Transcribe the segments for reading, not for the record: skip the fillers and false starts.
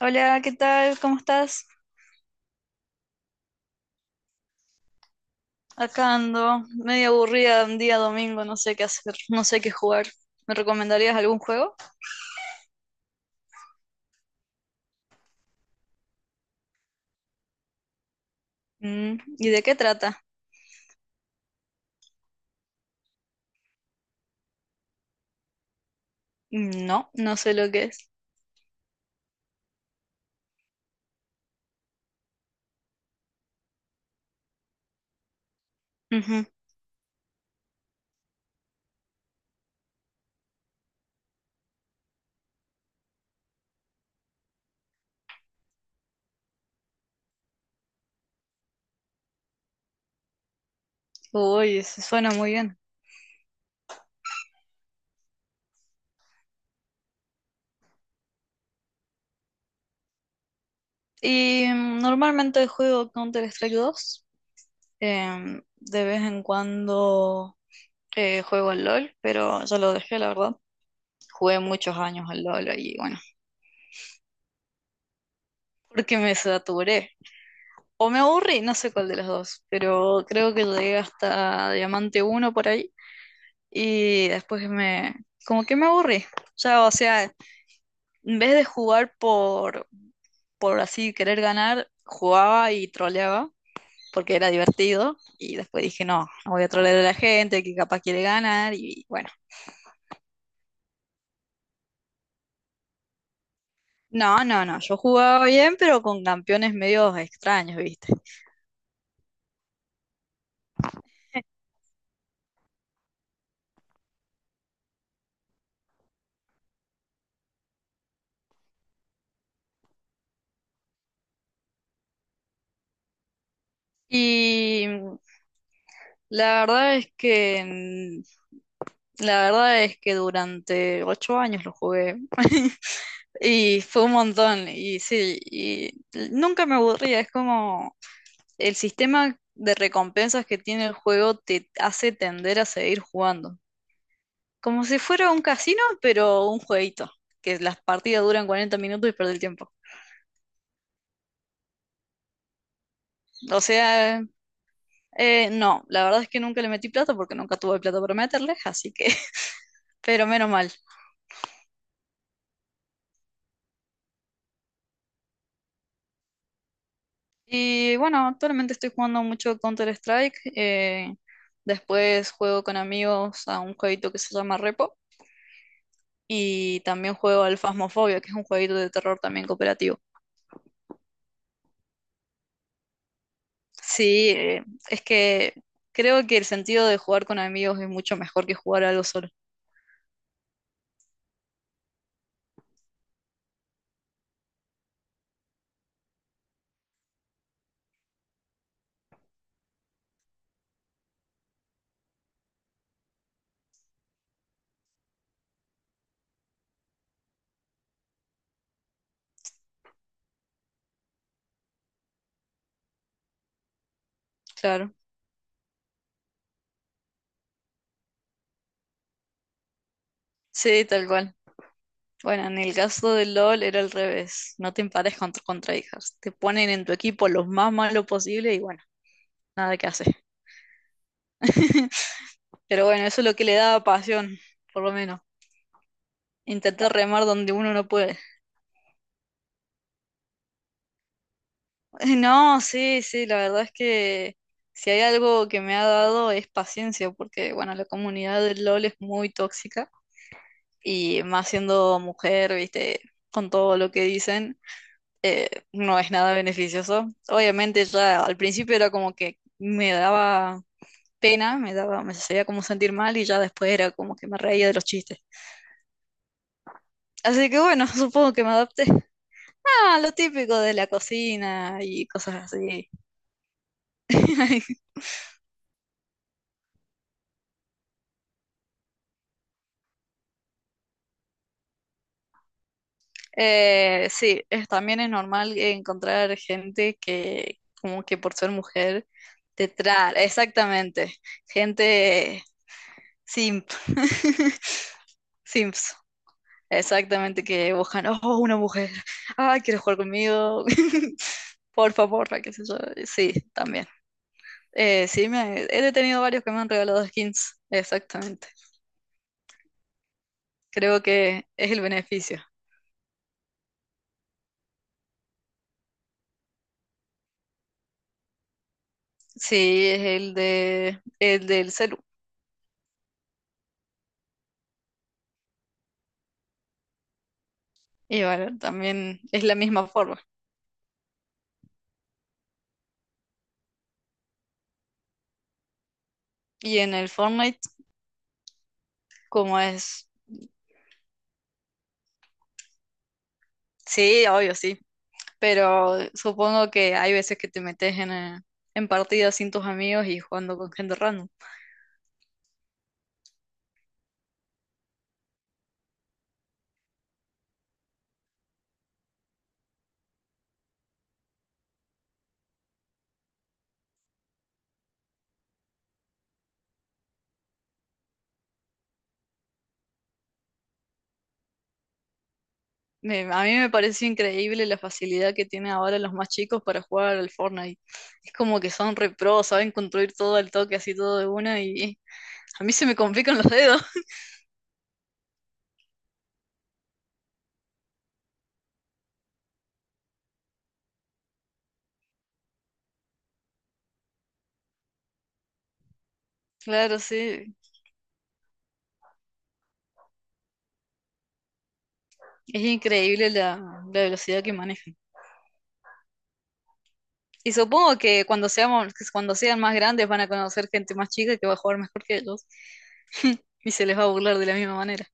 Hola, ¿qué tal? ¿Cómo estás? Acá ando, medio aburrida, un día domingo, no sé qué hacer, no sé qué jugar. ¿Me recomendarías algún juego? ¿Y de qué trata? No, no sé lo que es. Ujú. Uy, eso suena muy bien. Y normalmente juego Counter-Strike 2. De vez en cuando juego al LOL, pero ya lo dejé, la verdad. Jugué muchos años al LOL y bueno, porque me saturé. O me aburrí, no sé cuál de los dos, pero creo que llegué hasta Diamante uno por ahí y después me... como que me aburrí. Ya, o sea, en vez de jugar por así querer ganar, jugaba y troleaba porque era divertido y después dije, no, no voy a trolear a la gente que capaz quiere ganar y bueno. No, no, no, yo jugaba bien, pero con campeones medio extraños, ¿viste? Y la verdad es que La verdad es que durante 8 años lo jugué y fue un montón y sí, y nunca me aburría, es como el sistema de recompensas que tiene el juego te hace tender a seguir jugando. Como si fuera un casino, pero un jueguito, que las partidas duran 40 minutos y perdí el tiempo. O sea, no, la verdad es que nunca le metí plata porque nunca tuve plata para meterle, así que, pero menos mal. Y bueno, actualmente estoy jugando mucho Counter-Strike. Después juego con amigos a un jueguito que se llama Repo. Y también juego al Phasmophobia, que es un jueguito de terror también cooperativo. Sí, es que creo que el sentido de jugar con amigos es mucho mejor que jugar algo solo. Claro. Sí, tal cual. Bueno, en el caso del LOL era al revés. No te empares con, contrahijas. Te ponen en tu equipo los más malos posible y bueno, nada que hacer. Pero bueno, eso es lo que le daba pasión, por lo menos. Intentar remar donde uno no puede. No, sí, sí, la verdad es que si hay algo que me ha dado es paciencia, porque bueno, la comunidad del LOL es muy tóxica y más siendo mujer, viste, con todo lo que dicen, no es nada beneficioso. Obviamente ya al principio era como que me daba pena, me hacía como sentir mal y ya después era como que me reía de los chistes. Así que bueno, supongo que me adapté. Ah, lo típico de la cocina y cosas así. Sí, también es normal encontrar gente que, como que por ser mujer, te trae, exactamente, gente simp, simps, exactamente, que buscan, oh, una mujer, ay, ¿quieres jugar conmigo? Por favor, qué sé yo, sí, también. Sí, he tenido varios que me han regalado skins, exactamente. Creo que es el beneficio. Sí, es el de el del celu. Y bueno, también es la misma forma. Y en el Fortnite, ¿como es? Sí, obvio, sí. Pero supongo que hay veces que te metes en partidas sin tus amigos y jugando con gente random. A mí me parece increíble la facilidad que tienen ahora los más chicos para jugar al Fortnite. Es como que son re pro, saben construir todo al toque, así todo de una, y a mí se me complican los dedos. Claro, sí. Es increíble la velocidad que manejan. Y supongo que cuando seamos, que cuando sean más grandes van a conocer gente más chica que va a jugar mejor que ellos y se les va a burlar de la misma manera.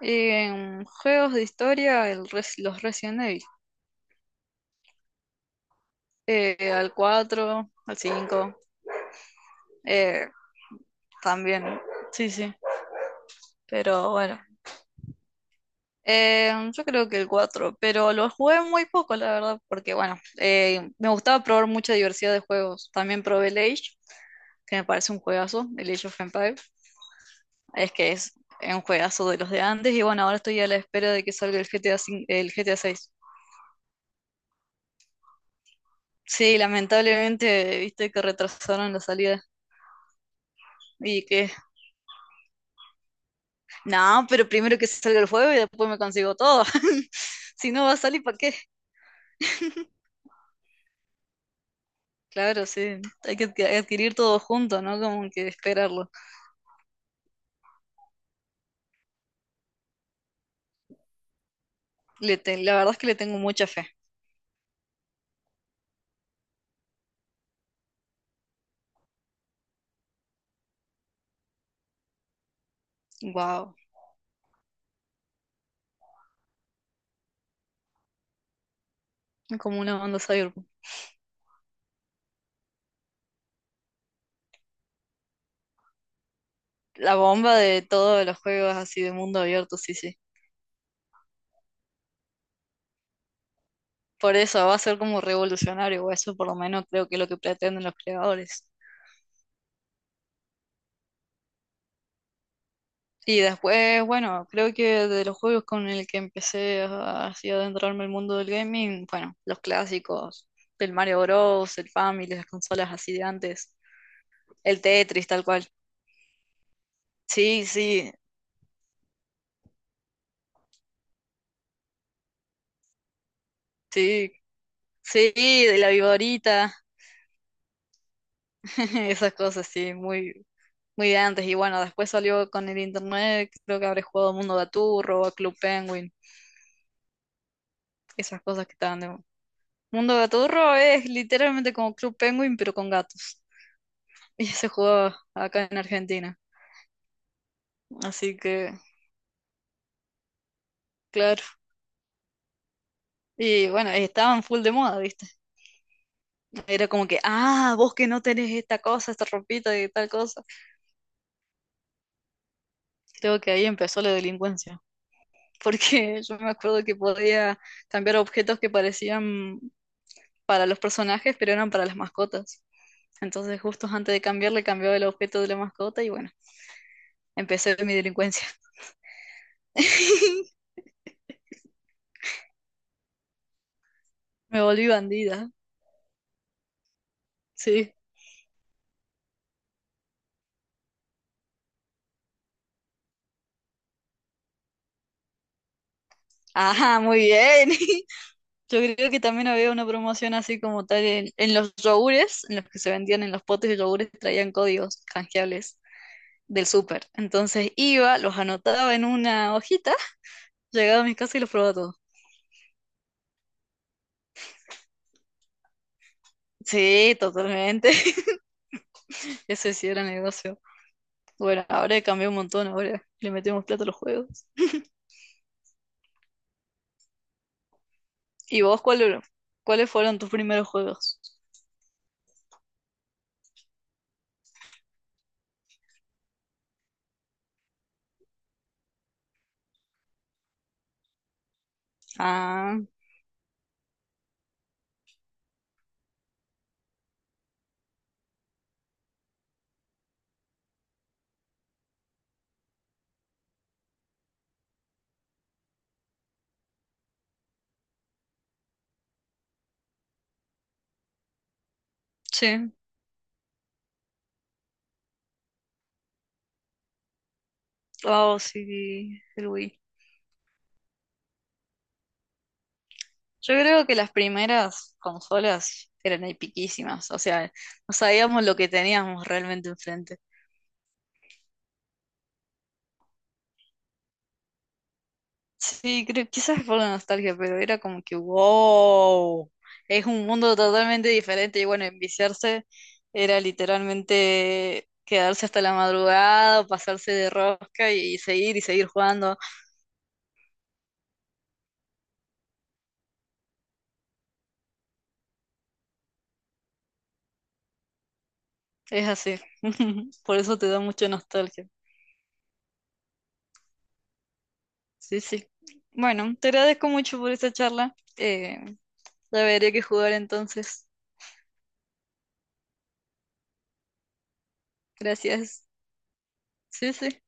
En juegos de historia, los Resident Evil. Al 4 al 5 eh, también. Sí, sí. Pero bueno. Yo creo que el cuatro, pero lo jugué muy poco, la verdad, porque bueno, me gustaba probar mucha diversidad de juegos. También probé el Age, que me parece un juegazo, el Age of Empires. Es que es un juegazo de los de antes y bueno, ahora estoy a la espera de que salga el GTA, el GTA 6. Sí, lamentablemente, viste que retrasaron la salida. Y que, no, pero primero que salga el juego y después me consigo todo. Si no va a salir, ¿para qué? Claro, sí, hay que adquirir todo junto, ¿no? Como que esperarlo. La verdad es que le tengo mucha fe. Wow, como una banda cyberpunk. La bomba de todos los juegos así de mundo abierto, sí, sí. Por eso va a ser como revolucionario, o eso por lo menos creo que es lo que pretenden los creadores. Y después, bueno, creo que de los juegos con el que empecé a, así a adentrarme al mundo del gaming, bueno, los clásicos, el Mario Bros, el Family, las consolas así de antes, el Tetris tal cual. Sí, sí, sí, sí, de la Viborita, esas cosas, sí, muy, muy de antes. Y bueno, después salió con el internet, creo que habré jugado Mundo Gaturro, a Club Penguin, esas cosas que estaban de, Mundo Gaturro es literalmente como Club Penguin, pero con gatos. Y se jugaba acá en Argentina. Así que, claro. Y bueno, estaban full de moda, ¿viste? Era como que, ah, vos que no tenés esta cosa, esta ropita y tal cosa. Creo que ahí empezó la delincuencia. Porque yo me acuerdo que podía cambiar objetos que parecían para los personajes, pero eran para las mascotas. Entonces, justo antes de cambiarle, cambiaba el objeto de la mascota y bueno, empecé mi delincuencia. Me volví bandida, sí. Ajá, muy bien. Yo creo que también había una promoción así como tal en los yogures, en los que se vendían en los potes de yogures, traían códigos canjeables del súper. Entonces iba, los anotaba en una hojita, llegaba a mi casa y los probaba todos. Sí, totalmente. Ese sí era negocio. Bueno, ahora cambió un montón, ahora le metemos plata a los juegos. ¿Y vos cuáles fueron tus primeros juegos? Ah, sí. Oh, sí, el Wii. Yo creo que las primeras consolas eran epiquísimas, o sea, no sabíamos lo que teníamos realmente enfrente. Sí, creo, quizás es por la nostalgia, pero era como que, wow, es un mundo totalmente diferente y bueno, enviciarse era literalmente quedarse hasta la madrugada, o pasarse de rosca y seguir jugando. Es así, por eso te da mucha nostalgia. Sí, sí. Bueno, te agradezco mucho por esta charla. Ya veré qué jugar entonces. Gracias. Sí, sí.